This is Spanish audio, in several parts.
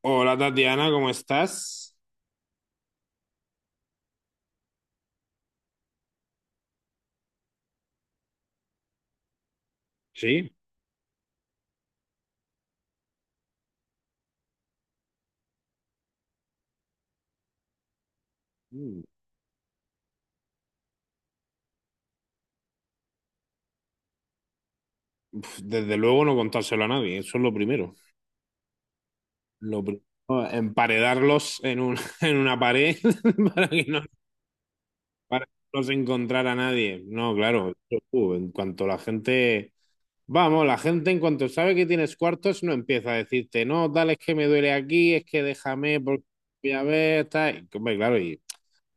Hola Tatiana, ¿cómo estás? Sí. Mm. Pf, desde luego no contárselo a nadie, eso es lo primero. Lo pri- no, emparedarlos en una pared para que no, para que no se encontrara nadie. No, claro, eso, en cuanto la gente, vamos, la gente en cuanto sabe que tienes cuartos no empieza a decirte, no, tal, es que me duele aquí, es que déjame porque voy a ver, tal. Y, hombre, claro, y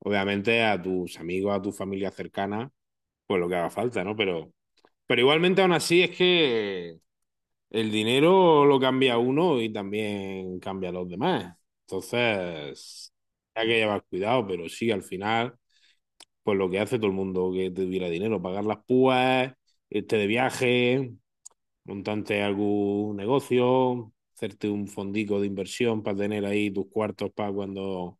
obviamente a tus amigos, a tu familia cercana, pues lo que haga falta, ¿no? Pero igualmente aún así es que el dinero lo cambia uno y también cambia a los demás. Entonces, hay que llevar cuidado, pero sí, al final, pues lo que hace todo el mundo que tuviera dinero, pagar las púas, irte de viaje, montarte algún negocio, hacerte un fondico de inversión para tener ahí tus cuartos para cuando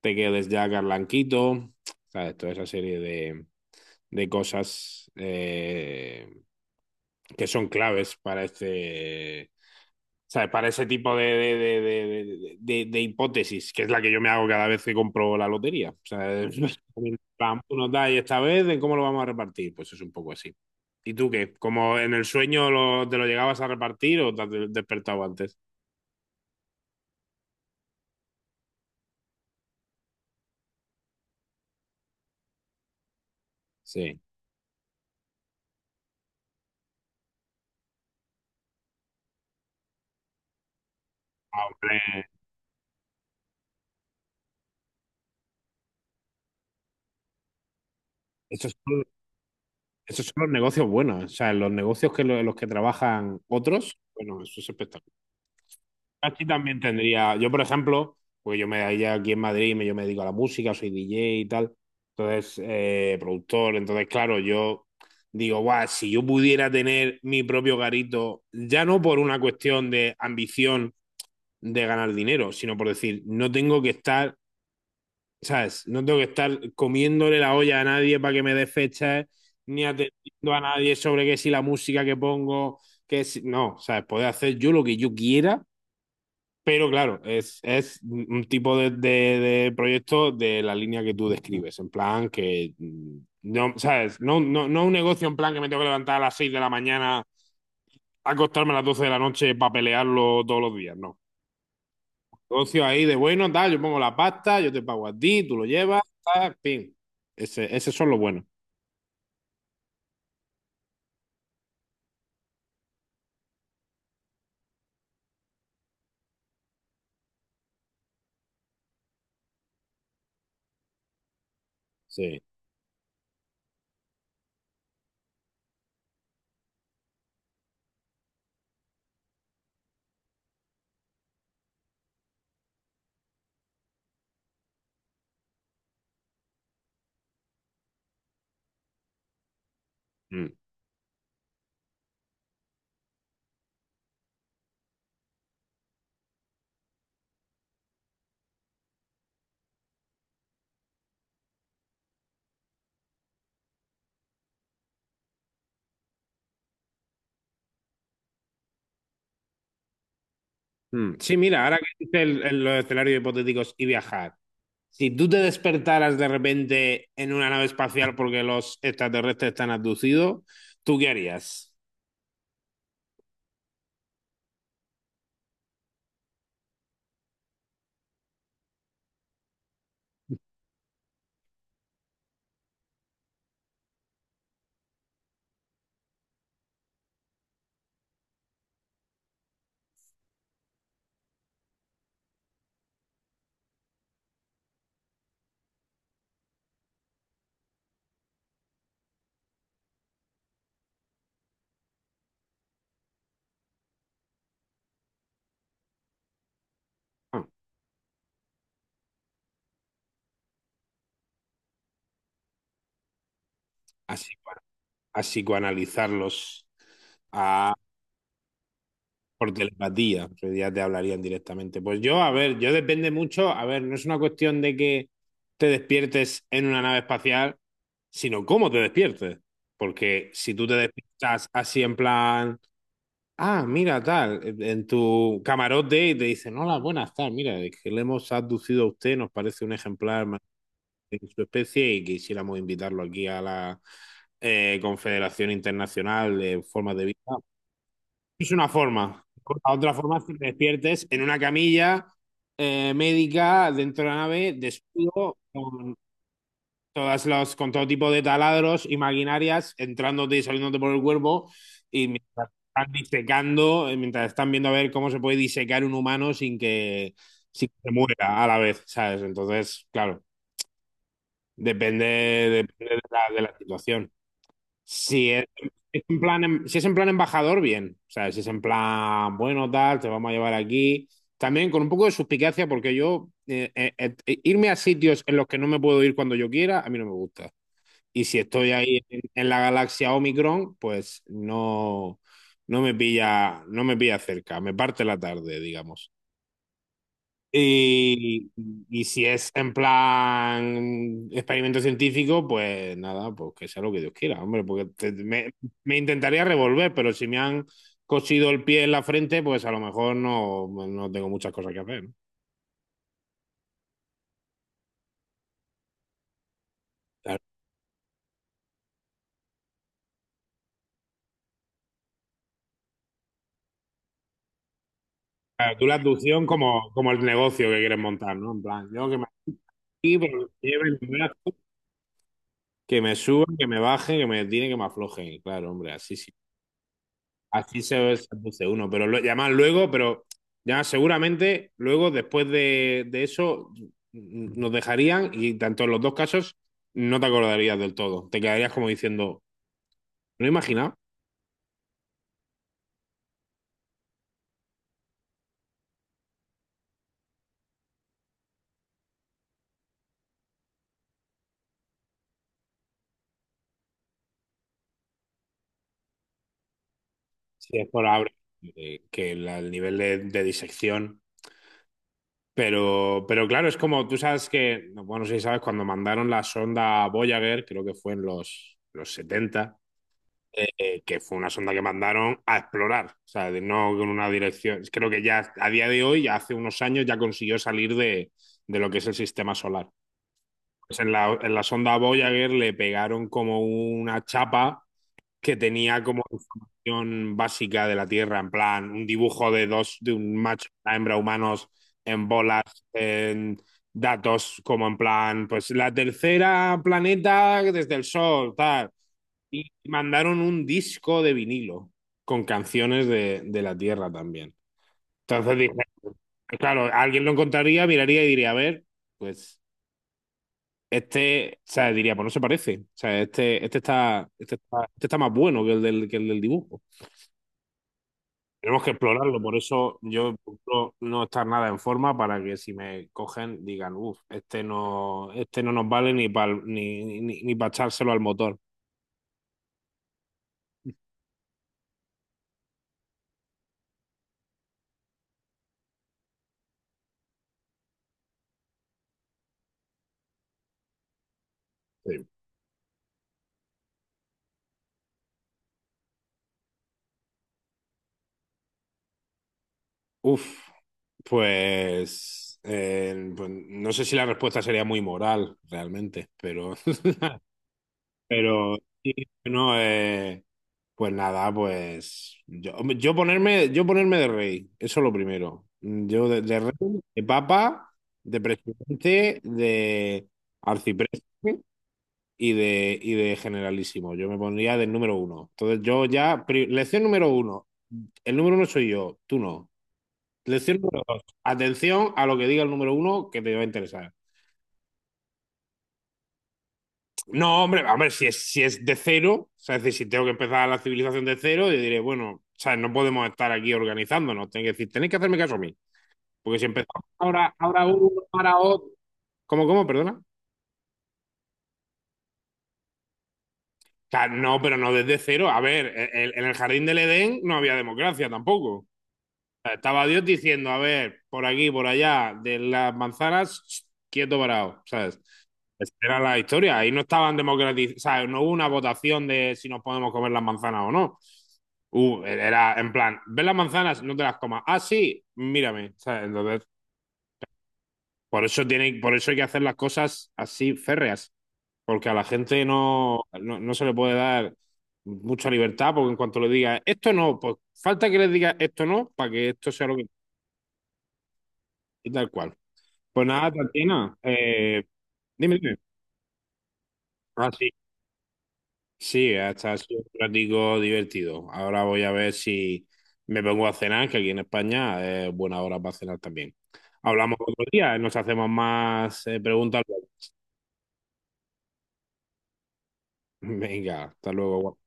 te quedes ya blanquito, ¿sabes? Toda esa serie de cosas que son claves para este. ¿Sabes? Para ese tipo de hipótesis, que es la que yo me hago cada vez que compro la lotería. O sea, en plan, tú nos da y esta vez, ¿en cómo lo vamos a repartir? Pues es un poco así. ¿Y tú qué? ¿Como en el sueño te lo llegabas a repartir o te has despertado antes? Sí. Ah, hombre, esto es Esos son los negocios buenos, o sea, los negocios que los que trabajan otros, bueno, eso es espectacular. Aquí también tendría, yo por ejemplo, pues yo me daría aquí en Madrid, yo me dedico a la música, soy DJ y tal, entonces, productor, entonces, claro, yo digo, guau, si yo pudiera tener mi propio garito, ya no por una cuestión de ambición de ganar dinero, sino por decir, no tengo que estar, ¿sabes? No tengo que estar comiéndole la olla a nadie para que me dé fechas, ni atendiendo a nadie sobre que si la música que pongo, que si... No, ¿sabes? Poder hacer yo lo que yo quiera, pero claro, es un tipo de proyecto de la línea que tú describes, en plan que... No, ¿sabes? No, no, no un negocio en plan que me tengo que levantar a las 6 de la mañana, acostarme a las 12 de la noche para pelearlo todos los días, no. Negocio ahí de bueno, tal, yo pongo la pasta, yo te pago a ti, tú lo llevas, tal, pin. Esos son los buenos. Sí. Mm. Mm. Sí, mira, ahora que dices los escenarios hipotéticos y viajar. Si tú te despertaras de repente en una nave espacial porque los extraterrestres están abducidos, ¿tú qué harías? Ah, así, así analizarlos. Ah. Por telepatía, en realidad te hablarían directamente. Pues yo, a ver, yo depende mucho, a ver, no es una cuestión de que te despiertes en una nave espacial, sino cómo te despiertes. Porque si tú te despiertas así en plan, ah, mira, tal, en tu camarote y te dicen, hola, buenas, tal, mira, es que le hemos abducido a usted, nos parece un ejemplar más de su especie y quisiéramos invitarlo aquí a la Confederación Internacional de Formas de Vida, es una forma. La otra forma es que te despiertes en una camilla médica dentro de la nave, desnudo, con con todo tipo de taladros y maquinarias entrándote y saliéndote por el cuerpo y mientras están disecando, mientras están viendo a ver cómo se puede disecar un humano sin que, sin que se muera a la vez, ¿sabes? Entonces, claro, depende de la situación. Si es, es en plan, em- si es en plan embajador, bien. O sea, si es en plan, bueno, tal, te vamos a llevar aquí. También con un poco de suspicacia, porque yo irme a sitios en los que no me puedo ir cuando yo quiera, a mí no me gusta. Y si estoy ahí en la galaxia Omicron, pues no, no me pilla cerca, me parte la tarde, digamos. Y, y si es en plan experimento científico, pues nada, pues que sea lo que Dios quiera, hombre, porque me intentaría revolver, pero si me han cosido el pie en la frente, pues a lo mejor no, no tengo muchas cosas que hacer, ¿no? Claro, claro, tú la abducción como el negocio que quieres montar, ¿no? En plan, yo que me aquí, pero que me lleven, que me suban, que me bajen, que me tiren, que me aflojen. Claro, hombre, así sí. Así se puse uno, y además luego, pero ya seguramente luego después de eso nos dejarían, y tanto en los dos casos no te acordarías del todo. Te quedarías como diciendo, no imaginaba si es probable que el nivel de disección. Pero claro, es como tú sabes que, bueno, no sé si sabes, cuando mandaron la sonda Voyager, creo que fue en los 70, que fue una sonda que mandaron a explorar, o sea, no con una dirección. Creo que ya a día de hoy, ya hace unos años, ya consiguió salir de lo que es el sistema solar. Pues en la sonda Voyager le pegaron como una chapa que tenía como información básica de la Tierra, en plan, un dibujo de dos, de un macho y una hembra humanos en bolas, en datos como en plan, pues la tercera planeta desde el Sol, tal. Y mandaron un disco de vinilo con canciones de la Tierra también. Entonces dije, pues claro, alguien lo encontraría, miraría y diría, a ver, pues este, o sea, diría, pues no se parece. O sea, este está más bueno que el del dibujo. Tenemos que explorarlo, por eso yo procuro no estar nada en forma para que si me cogen digan, uff, este no nos vale ni para ni pa echárselo al motor. Sí. Uf. Pues, pues no sé si la respuesta sería muy moral realmente, pero, pero sí, no, pues nada, pues yo, hombre, yo ponerme de rey, eso es lo primero. Yo de rey, de papa, de presidente, de arcipreste y de generalísimo. Yo me pondría del número uno. Entonces yo ya, lección número uno, el número uno soy yo, tú no. Les cierro dos. Atención a lo que diga el número uno que te va a interesar. No, hombre, hombre, si es, de cero, o sea, es decir, si tengo que empezar la civilización de cero, yo diré, bueno, o sea, no podemos estar aquí organizándonos. Tengo que decir, tenéis que hacerme caso a mí. Porque si empezamos ahora, ahora uno, ahora otro. ¿Cómo, cómo? Perdona. O sea, no, pero no desde cero. A ver, en el jardín del Edén no había democracia tampoco. Estaba Dios diciendo, a ver, por aquí, por allá, de las manzanas, quieto parado, ¿sabes? Esa era la historia. Ahí no estaban democratizados, sabes, no hubo una votación de si nos podemos comer las manzanas o no. Era en plan, ¿ves las manzanas? No te las comas. Ah, sí, mírame. ¿Sabes? Entonces, por eso tiene, por eso hay que hacer las cosas así férreas, porque a la gente no, no, no se le puede dar mucha libertad, porque en cuanto le diga esto no, pues falta que le diga esto no, para que esto sea lo que y tal cual. Pues nada, Tatiana, dime, dime. Ah, sí, sí, hasta ha sido un ratico divertido. Ahora voy a ver si me pongo a cenar, que aquí en España es buena hora para cenar también. Hablamos otro día, nos hacemos más preguntas luego. Venga, hasta luego.